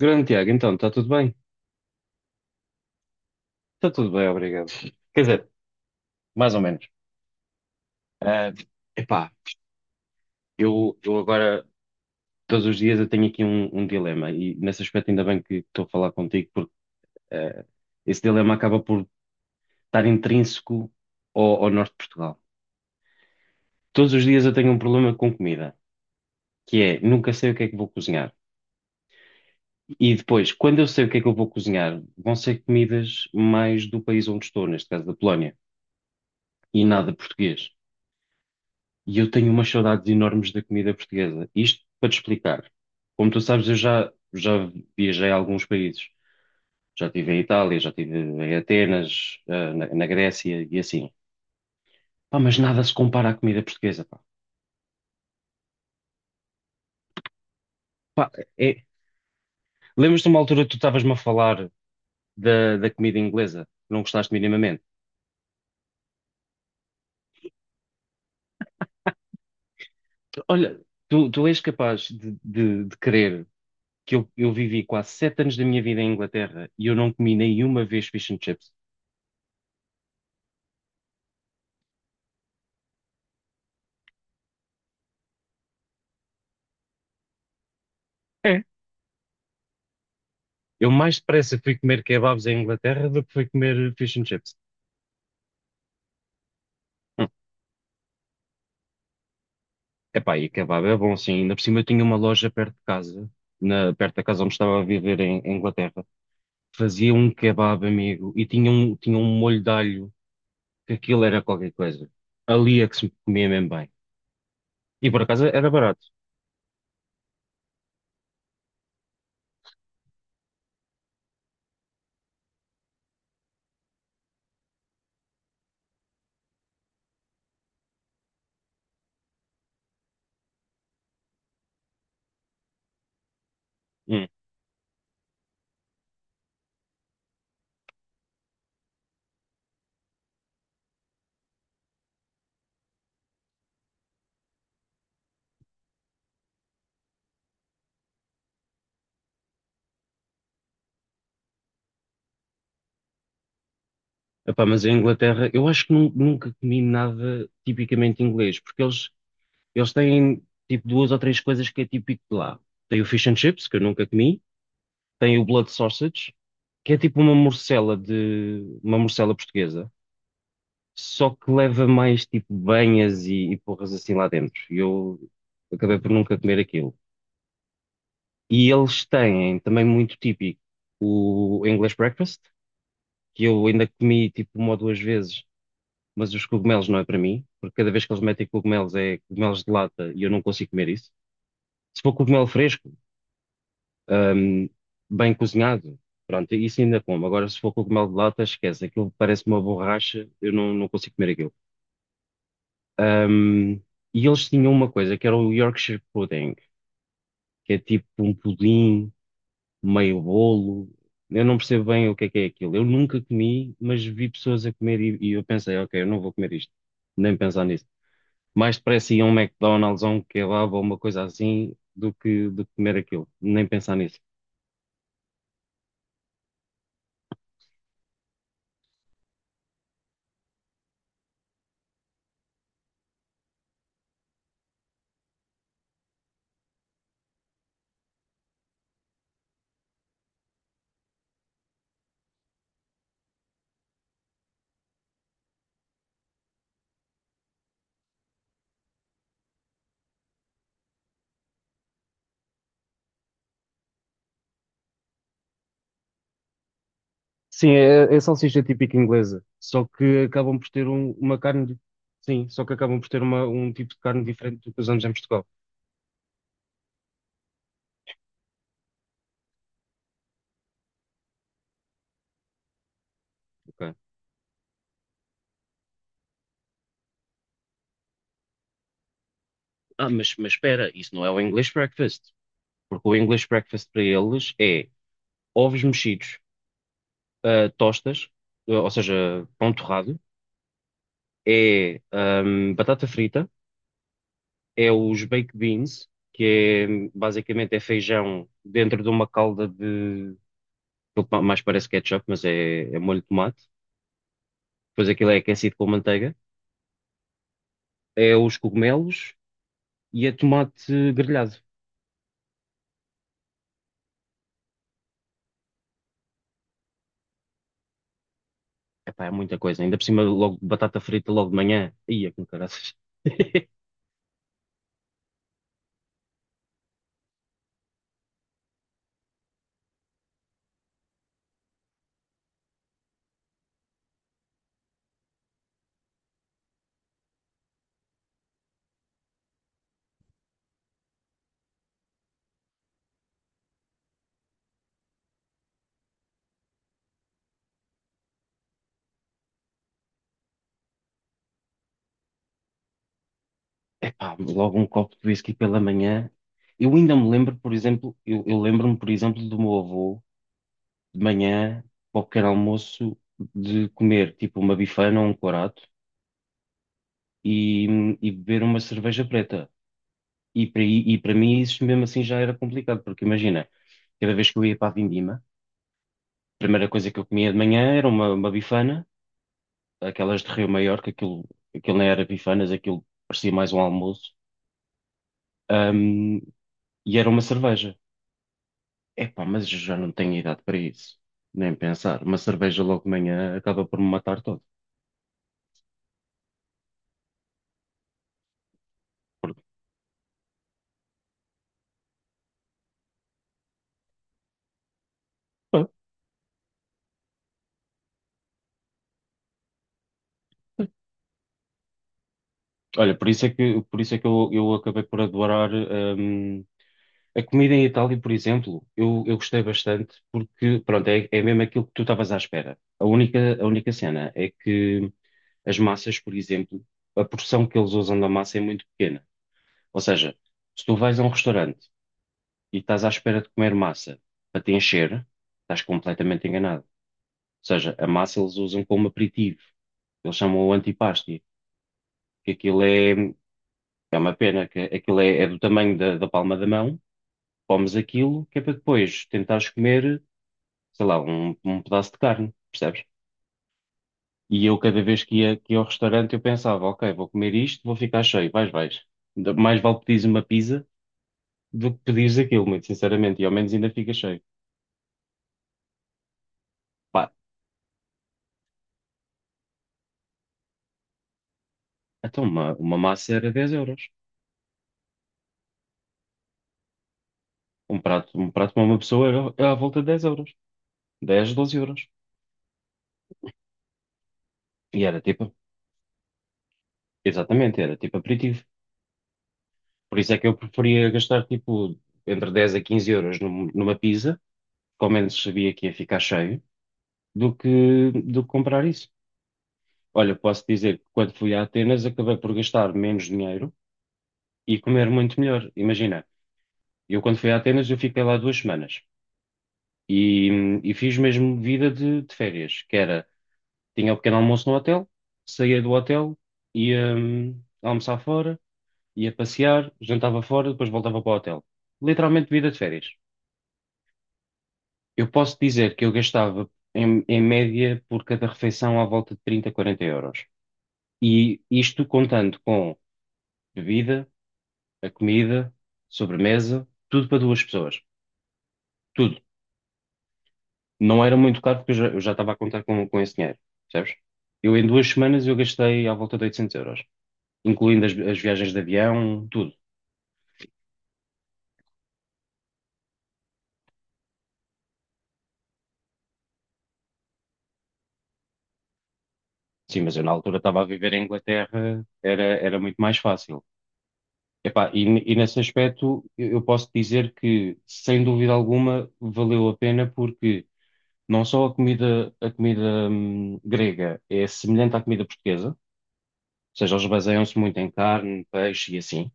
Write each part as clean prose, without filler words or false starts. Grande Tiago, então, está tudo bem? Está tudo bem, obrigado. Quer dizer, mais ou menos. Ah, epá, eu agora, todos os dias, eu tenho aqui um dilema e nesse aspecto ainda bem que estou a falar contigo, porque ah, esse dilema acaba por estar intrínseco ao norte de Portugal. Todos os dias eu tenho um problema com comida, que é nunca sei o que é que vou cozinhar. E depois, quando eu sei o que é que eu vou cozinhar, vão ser comidas mais do país onde estou, neste caso da Polónia, e nada português. E eu tenho umas saudades enormes da comida portuguesa. Isto para te explicar. Como tu sabes, eu já viajei a alguns países. Já estive em Itália, já estive em Atenas, na Grécia e assim. Pá, mas nada se compara à comida portuguesa, pá. Pá, é... Lembras-te de uma altura que tu estavas-me a falar da comida inglesa? Não gostaste minimamente? Olha, tu és capaz de crer que eu vivi quase 7 anos da minha vida em Inglaterra e eu não comi nenhuma vez fish and chips? É. Eu mais depressa fui comer kebabs em Inglaterra do que fui comer fish and chips. Hum. Epá, e kebab é bom, sim. Ainda por cima eu tinha uma loja perto de casa, perto da casa onde estava a viver em Inglaterra. Fazia um kebab, amigo, e tinha um molho de alho, que aquilo era qualquer coisa. Ali é que se comia mesmo bem. E por acaso era barato. Hum. Epá, mas em Inglaterra, eu acho que nunca comi nada tipicamente inglês, porque eles têm tipo duas ou três coisas que é típico de lá. Tem o fish and chips, que eu nunca comi, tem o Blood Sausage, que é tipo uma morcela de uma morcela portuguesa, só que leva mais tipo banhas e porras assim lá dentro. E eu acabei por nunca comer aquilo. E eles têm também muito típico o English Breakfast, que eu ainda comi tipo uma ou duas vezes, mas os cogumelos não é para mim, porque cada vez que eles metem cogumelos é cogumelos de lata e eu não consigo comer isso. Se for cogumelo fresco, ahm, bem cozinhado. Pronto, isso ainda como. Agora, se for cogumelo de lata, esquece. Aquilo parece uma borracha, eu não consigo comer aquilo. Ahm, e eles tinham uma coisa que era o Yorkshire Pudding, que é tipo um pudim, meio bolo. Eu não percebo bem o que é aquilo. Eu nunca comi, mas vi pessoas a comer e eu pensei, ok, eu não vou comer isto, nem pensar nisso. Mais depressa ia a um McDonald's ou um kebab ou uma coisa assim do que comer aquilo, nem pensar nisso. Sim, é, é salsicha típica inglesa, só que acabam por ter uma carne, sim, só que acabam por ter um tipo de carne diferente do que usamos em Portugal. Ok. Ah, mas espera, isso não é o English breakfast, porque o English breakfast para eles é ovos mexidos, tostas, ou seja, pão torrado, é batata frita, é os baked beans, que é basicamente é feijão dentro de uma calda de, aquilo que mais parece ketchup, mas é molho de tomate. Depois aquilo é aquecido com manteiga, é os cogumelos e é tomate grelhado. Epá, é muita coisa. Ainda por cima, logo batata frita logo de manhã. Ia com caraças. Epá, logo um copo de whisky pela manhã. Eu ainda me lembro, por exemplo, eu lembro-me, por exemplo, do meu avô, de manhã, para o pequeno almoço, de comer tipo uma bifana ou um corato e, e beber uma cerveja preta. E para mim isso mesmo assim já era complicado, porque imagina, cada vez que eu ia para a Vindima, primeira coisa que eu comia de manhã era uma bifana, aquelas de Rio Maior, que aquilo, aquilo nem era bifanas, aquilo parecia mais um almoço. Ahm, e era uma cerveja. Epá, mas eu já não tenho idade para isso, nem pensar. Uma cerveja logo de manhã acaba por me matar todo. Por- pá, Olha, por isso é que eu acabei por adorar, a comida em Itália, por exemplo, eu gostei bastante porque, pronto, é mesmo aquilo que tu estavas à espera. A única cena é que as massas, por exemplo, a porção que eles usam da massa é muito pequena. Ou seja, se tu vais a um restaurante e estás à espera de comer massa para te encher, estás completamente enganado. Ou seja, a massa eles usam como aperitivo. Eles chamam-o antipasti, que aquilo é uma pena, que aquilo é do tamanho da palma da mão. Comes aquilo que é para depois tentares comer, sei lá, um pedaço de carne, percebes? E eu, cada vez que ia ao restaurante, eu pensava, ok, vou comer isto, vou ficar cheio, vais, vais. Ainda mais vale pedires uma pizza do que pedires aquilo, muito sinceramente, e ao menos ainda fica cheio. Pá, então uma massa era 10 euros. Um prato para uma pessoa era à volta de 10 euros. Dez 12 euros. E era tipo, exatamente, era tipo aperitivo. Por isso é que eu preferia gastar tipo entre 10 a 15 € numa pizza, que ao menos sabia que ia ficar cheio, do que comprar isso. Olha, posso dizer que quando fui a Atenas acabei por gastar menos dinheiro e comer muito melhor. Imagina, eu quando fui a Atenas eu fiquei lá 2 semanas e fiz mesmo vida de férias, que era, tinha o pequeno almoço no hotel, saía do hotel, ia almoçar fora, ia passear, jantava fora, depois voltava para o hotel. Literalmente vida de férias. Eu posso dizer que eu gastava em média por cada refeição à volta de 30, 40 euros. E isto contando com bebida a comida, sobremesa, tudo para duas pessoas. Tudo. Não era muito caro porque eu já estava a contar com esse dinheiro, percebes? Eu em 2 semanas eu gastei à volta de 800 euros, incluindo as viagens de avião, tudo. Sim, mas eu na altura estava a viver em Inglaterra, era muito mais fácil. Epá, e nesse aspecto eu posso dizer que, sem dúvida alguma, valeu a pena porque não só a comida grega é semelhante à comida portuguesa, seja, eles baseiam-se muito em carne, peixe e assim.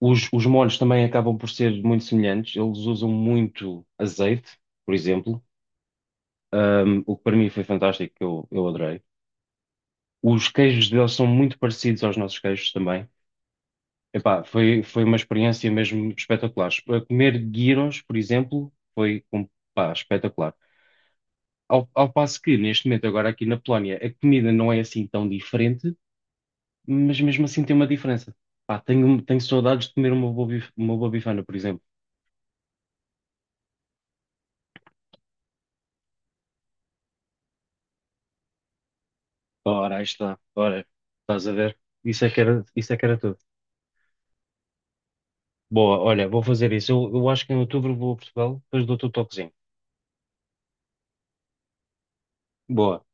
Os molhos também acabam por ser muito semelhantes. Eles usam muito azeite, por exemplo, o que para mim foi fantástico, que eu adorei. Os queijos deles são muito parecidos aos nossos queijos também. Epá, foi uma experiência mesmo espetacular. A comer gyros, por exemplo, pá, espetacular. Ao passo que, neste momento, agora aqui na Polónia, a comida não é assim tão diferente, mas mesmo assim tem uma diferença. Pá, tenho saudades de comer uma boa bifana, por exemplo. Ora, aí está. Ora, estás a ver? Isso é que era, isso é que era tudo. Boa, olha, vou fazer isso. Eu acho que em outubro vou a Portugal, depois dou-te o toquezinho. Boa,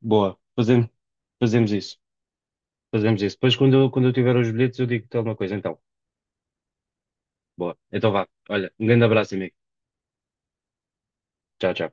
boa. Fazemos isso. Fazemos isso. Depois, quando eu tiver os bilhetes, eu digo-te alguma coisa. Então, boa. Então vá. Olha, um grande abraço, amigo. Tchau, tchau.